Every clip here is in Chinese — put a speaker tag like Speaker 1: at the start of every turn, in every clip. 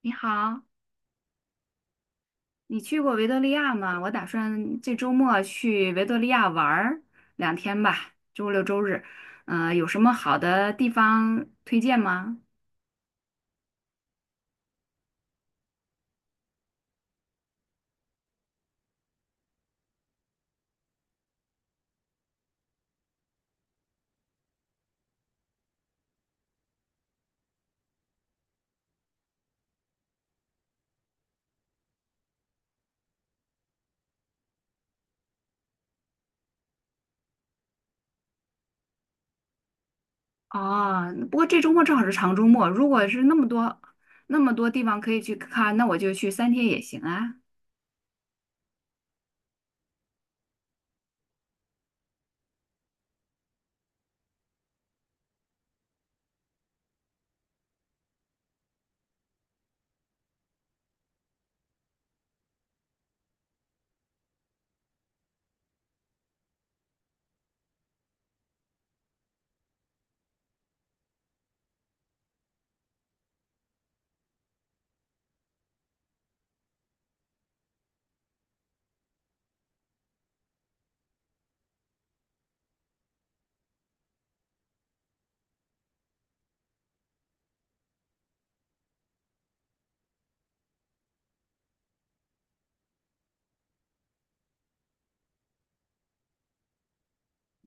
Speaker 1: 你好，你去过维多利亚吗？我打算这周末去维多利亚玩儿两天吧，周六周日。有什么好的地方推荐吗？哦，不过这周末正好是长周末，如果是那么多地方可以去看，那我就去三天也行啊。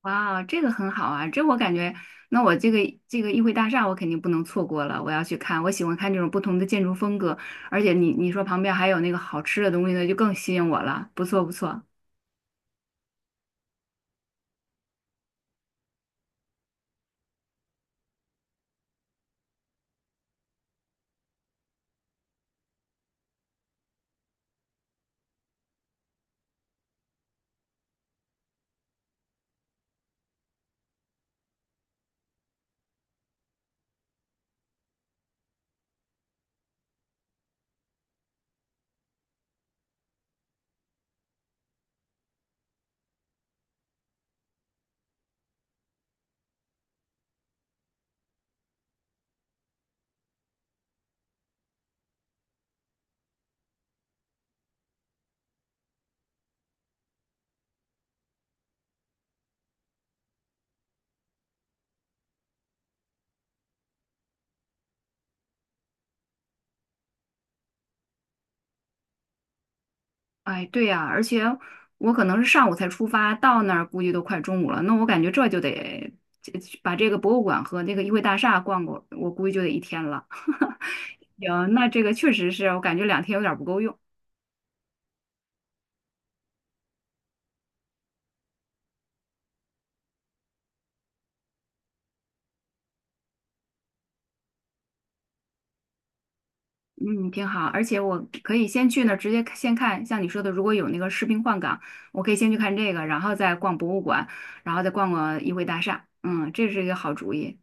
Speaker 1: 哇，这个很好啊，这我感觉，那我这个这个议会大厦我肯定不能错过了，我要去看。我喜欢看这种不同的建筑风格，而且你说旁边还有那个好吃的东西呢，就更吸引我了。不错不错。哎，对呀，而且我可能是上午才出发，到那儿估计都快中午了。那我感觉这就得这把这个博物馆和那个议会大厦逛过，我估计就得一天了。行，那这个确实是我感觉两天有点儿不够用。嗯，挺好，而且我可以先去那儿直接先看，像你说的，如果有那个士兵换岗，我可以先去看这个，然后再逛博物馆，然后再逛逛议会大厦。嗯，这是一个好主意。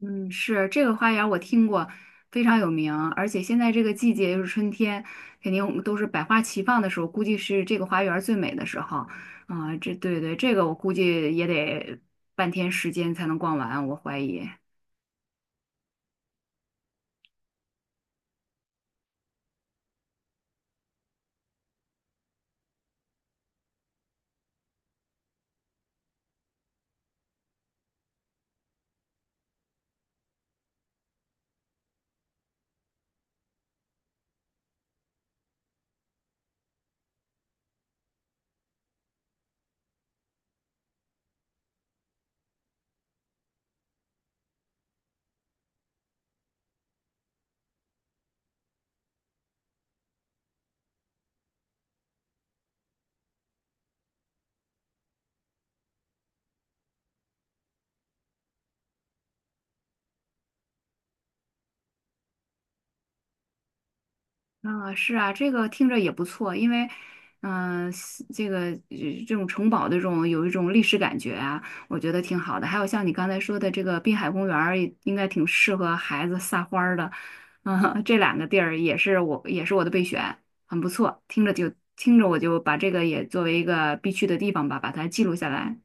Speaker 1: 嗯，是这个花园我听过，非常有名。而且现在这个季节又是春天，肯定都是百花齐放的时候，估计是这个花园最美的时候。啊、这对对，这个我估计也得半天时间才能逛完，我怀疑。啊，是啊，这个听着也不错，因为，嗯、西这个这种城堡的这种有一种历史感觉啊，我觉得挺好的。还有像你刚才说的这个滨海公园儿应该挺适合孩子撒欢儿的，啊、这两个地儿也是我的备选，很不错。听着我就把这个也作为一个必去的地方吧，把它记录下来。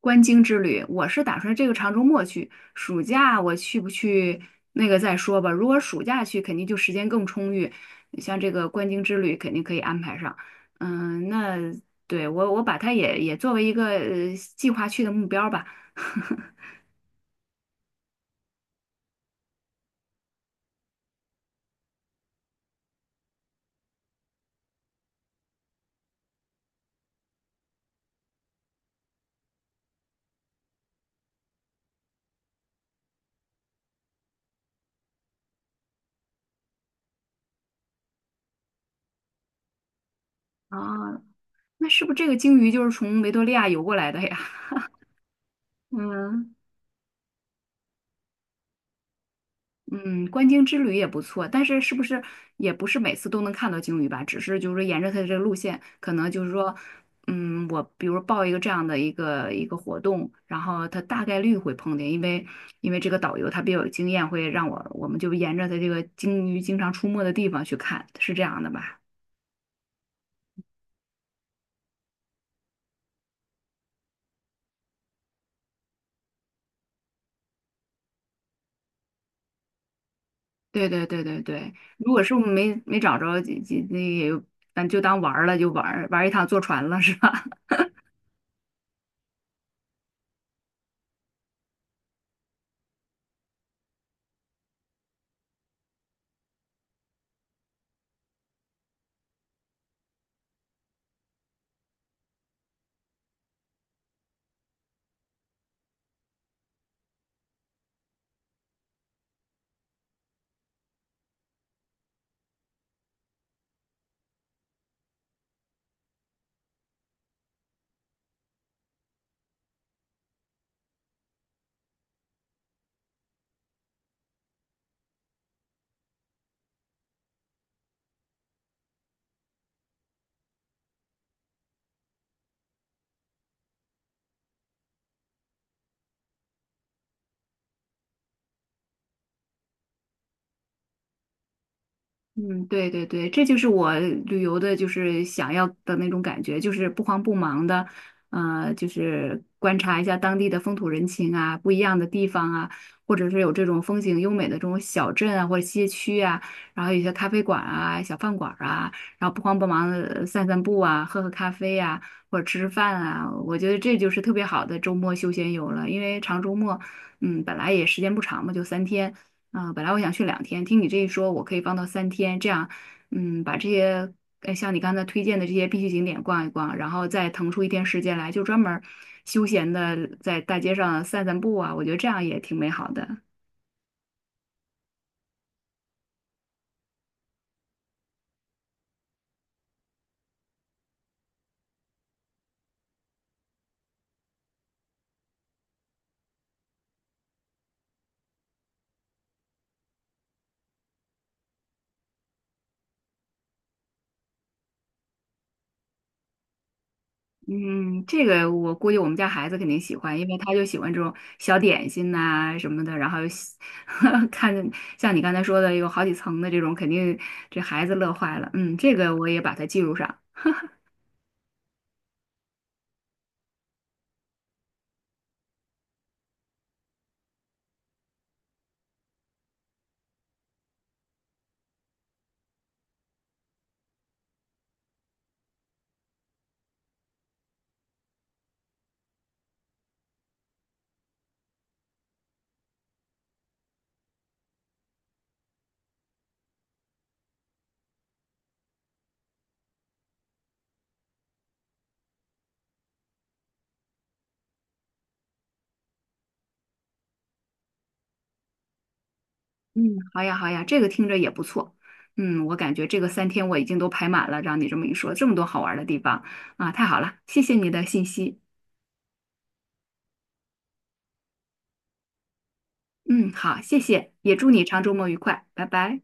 Speaker 1: 观鲸之旅，我是打算这个长周末去，暑假我去不去那个再说吧。如果暑假去，肯定就时间更充裕，像这个观鲸之旅肯定可以安排上。嗯，那对我把它也作为一个计划去的目标吧。啊，那是不是这个鲸鱼就是从维多利亚游过来的呀？嗯。嗯，观鲸之旅也不错，但是是不是也不是每次都能看到鲸鱼吧？只是就是说沿着它的这个路线，可能就是说，嗯，我比如报一个这样的一个活动，然后它大概率会碰见，因为这个导游他比较有经验，会让我们就沿着它这个鲸鱼经常出没的地方去看，是这样的吧？对对对对对，如果是没找着，就那也有咱就当玩儿了，就玩儿一趟坐船了，是吧？嗯，对对对，这就是我旅游的，就是想要的那种感觉，就是不慌不忙的，呃，就是观察一下当地的风土人情啊，不一样的地方啊，或者是有这种风景优美的这种小镇啊，或者街区啊，然后有些咖啡馆啊、小饭馆啊，然后不慌不忙的散散步啊，喝喝咖啡啊，或者吃吃饭啊，我觉得这就是特别好的周末休闲游了，因为长周末，嗯，本来也时间不长嘛，就三天。啊，本来我想去两天，听你这一说，我可以放到三天，这样，嗯，把这些，像你刚才推荐的这些必去景点逛一逛，然后再腾出一天时间来，就专门儿休闲的在大街上散散步啊，我觉得这样也挺美好的。嗯，这个我估计我们家孩子肯定喜欢，因为他就喜欢这种小点心呐、什么的，然后又喜 看像你刚才说的有好几层的这种，肯定这孩子乐坏了。嗯，这个我也把它记录上。嗯，好呀，好呀，这个听着也不错。嗯，我感觉这个三天我已经都排满了，让你这么一说，这么多好玩儿的地方啊，太好了，谢谢你的信息。嗯，好，谢谢，也祝你长周末愉快，拜拜。